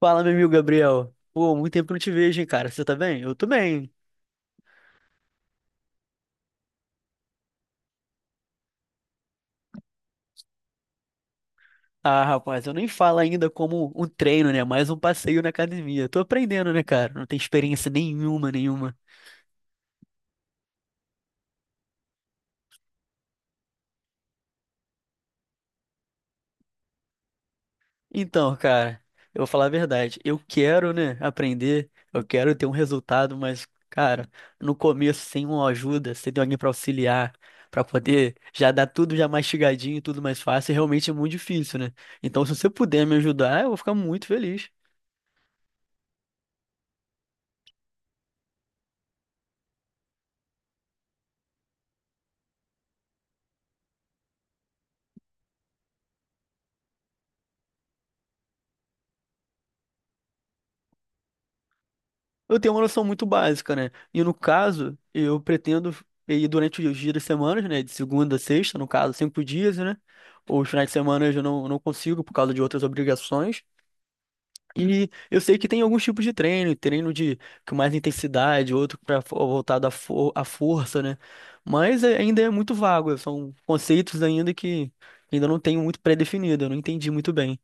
Fala, meu amigo Gabriel. Pô, muito tempo que eu não te vejo, hein, cara. Você tá bem? Eu tô bem. Ah, rapaz, eu nem falo ainda como um treino, né? Mais um passeio na academia. Tô aprendendo, né, cara? Não tenho experiência nenhuma, nenhuma. Então, cara, eu vou falar a verdade. Eu quero, né, aprender. Eu quero ter um resultado, mas, cara, no começo, sem uma ajuda, sem ter alguém pra auxiliar, pra poder já dar tudo já mastigadinho, tudo mais fácil, realmente é muito difícil, né? Então, se você puder me ajudar, eu vou ficar muito feliz. Eu tenho uma noção muito básica, né? E no caso, eu pretendo ir durante os dias das semanas, né? De segunda a sexta, no caso, 5 dias, né? Os finais de semana eu já não consigo por causa de outras obrigações. E eu sei que tem alguns tipos de treino, treino de com mais intensidade, outro para voltado à, for, à força, né? Mas é- ainda é muito vago, são conceitos ainda que ainda não tenho muito pré-definido, eu não entendi muito bem.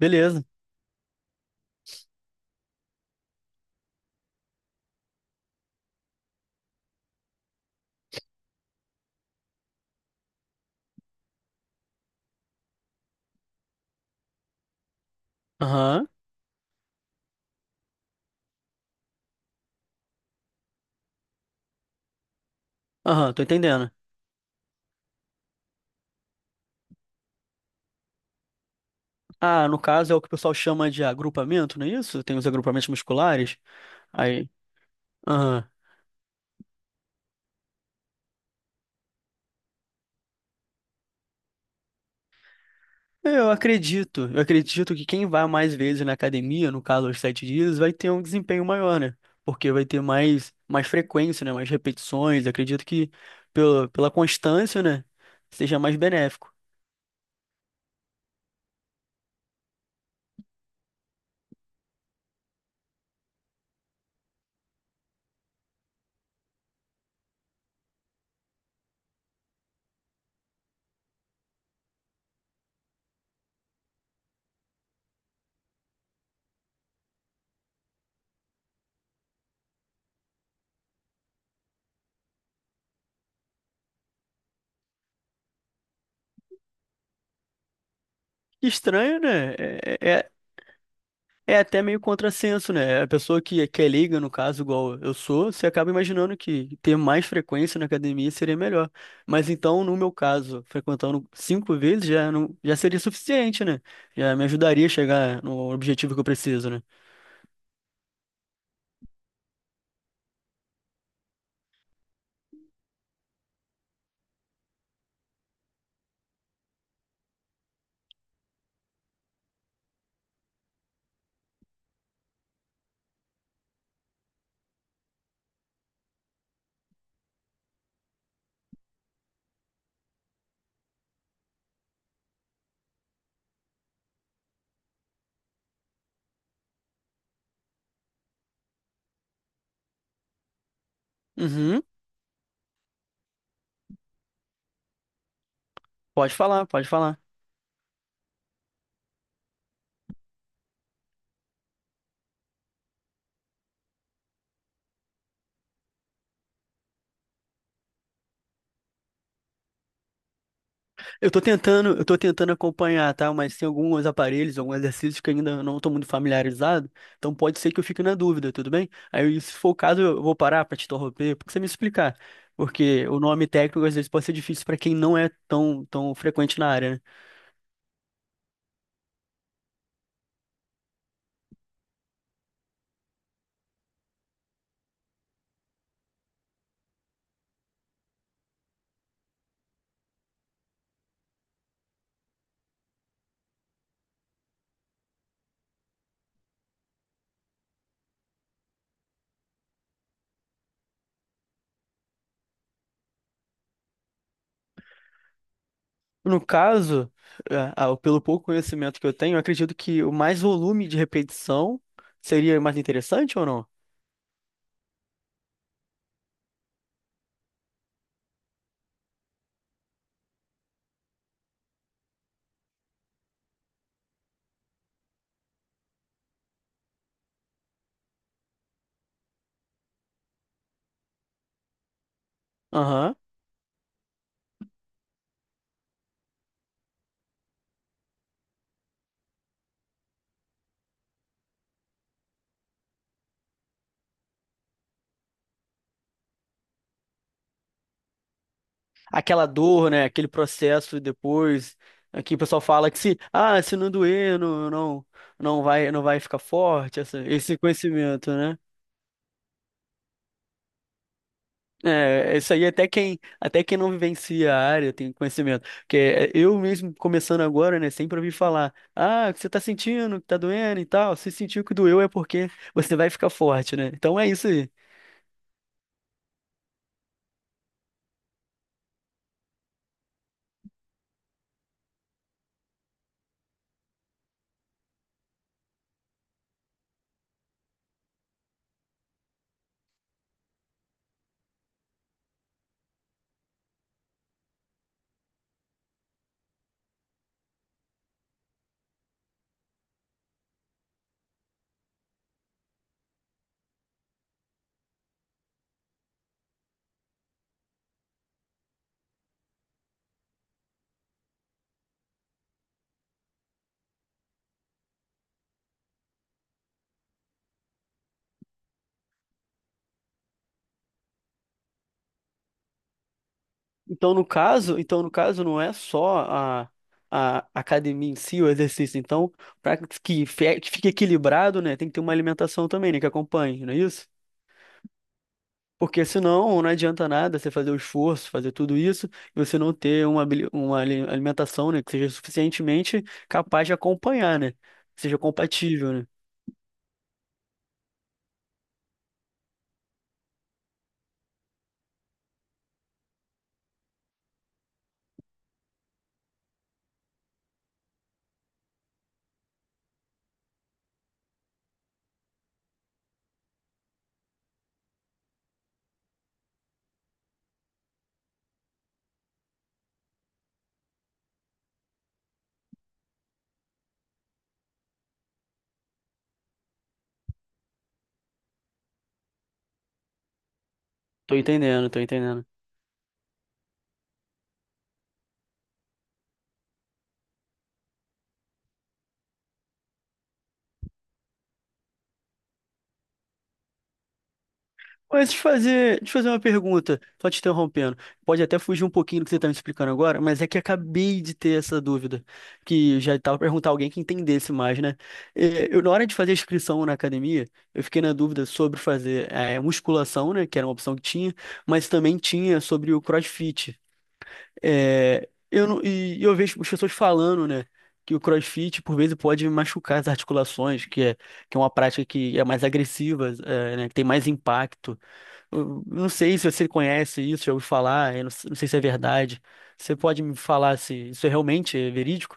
Beleza. Aham, aham, tô entendendo. Ah, no caso é o que o pessoal chama de agrupamento, não é isso? Tem os agrupamentos musculares. Aí, aham. Eu acredito que quem vai mais vezes na academia, no caso aos 7 dias, vai ter um desempenho maior, né? Porque vai ter mais, mais frequência, né? Mais repetições. Acredito que pela constância, né? Seja mais benéfico. Estranho, né? É até meio contrassenso, né? A pessoa que é leiga, no caso, igual eu sou, você acaba imaginando que ter mais frequência na academia seria melhor. Mas então, no meu caso, frequentando 5 vezes já, não, já seria suficiente, né? Já me ajudaria a chegar no objetivo que eu preciso, né? Uhum, pode falar, pode falar. Eu tô tentando acompanhar, tá? Mas tem alguns aparelhos, alguns exercícios que ainda eu não tô muito familiarizado, então pode ser que eu fique na dúvida, tudo bem? Aí, se for o caso, eu vou parar pra te interromper, porque você me explicar. Porque o nome técnico às vezes pode ser difícil pra quem não é tão, tão frequente na área, né? No caso, pelo pouco conhecimento que eu tenho, eu acredito que o mais volume de repetição seria mais interessante ou não? Aham. Aquela dor, né? Aquele processo depois. Aqui o pessoal fala que se, ah, se não doer, não vai, não vai ficar forte, essa- esse conhecimento, né? É, isso aí até quem não vivencia a área tem conhecimento. Porque é, eu mesmo começando agora, né, sempre ouvi falar, ah, o que você tá sentindo, que tá doendo e tal. Se sentiu que doeu é porque você vai ficar forte, né? Então é isso aí. Então, no caso, não é só a academia em si, o exercício. Então, para que fe- que fique equilibrado, né, tem que ter uma alimentação também, né, que acompanhe, não é isso? Porque senão não adianta nada você fazer o esforço, fazer tudo isso, e você não ter uma, habili- uma ali- alimentação, né, que seja suficientemente capaz de acompanhar, né? Que seja compatível, né? Tô entendendo. Mas te fazer uma pergunta, só te interrompendo. Pode até fugir um pouquinho do que você está me explicando agora, mas é que acabei de ter essa dúvida, que já estava perguntar a alguém que entendesse mais, né? É, eu, na hora de fazer a inscrição na academia, eu fiquei na dúvida sobre fazer é, musculação, né, que era uma opção que tinha, mas também tinha sobre o CrossFit. É, eu não- e eu vejo as pessoas falando, né, que o CrossFit por vezes pode machucar as articulações, que é uma prática que é mais agressiva, é, né, que tem mais impacto. Eu não sei se você conhece isso, já ouviu falar, eu não sei se é verdade. Você pode me falar se isso é realmente é verídico?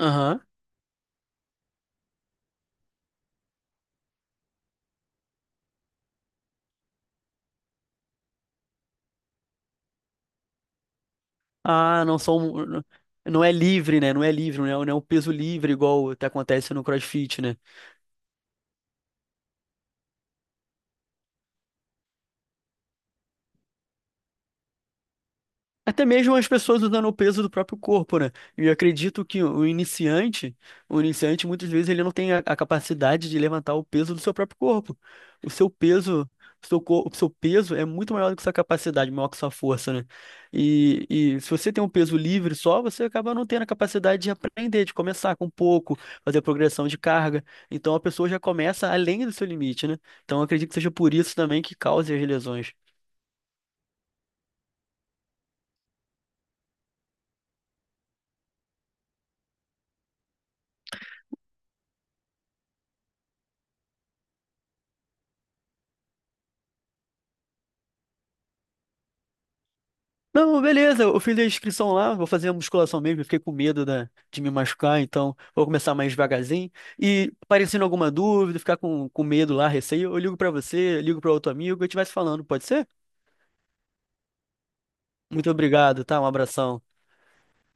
Aham. Ah, não são. Não é livre, né? Não é livre, não é um peso livre igual até acontece no CrossFit, né? Até mesmo as pessoas usando o peso do próprio corpo, né? E eu acredito que o iniciante muitas vezes ele não tem a capacidade de levantar o peso do seu próprio corpo. O seu peso, o seu, cor- o seu peso é muito maior do que sua capacidade, maior que sua força, né? E se você tem um peso livre só, você acaba não tendo a capacidade de aprender, de começar com pouco, fazer progressão de carga. Então a pessoa já começa além do seu limite, né? Então eu acredito que seja por isso também que cause as lesões. Não, beleza, eu fiz a inscrição lá, vou fazer a musculação mesmo, eu fiquei com medo da- de me machucar, então vou começar mais devagarzinho. E aparecendo alguma dúvida, ficar com medo lá, receio, eu ligo pra você, ligo para outro amigo, e a gente vai se falando, pode ser? Muito obrigado, tá? Um abração.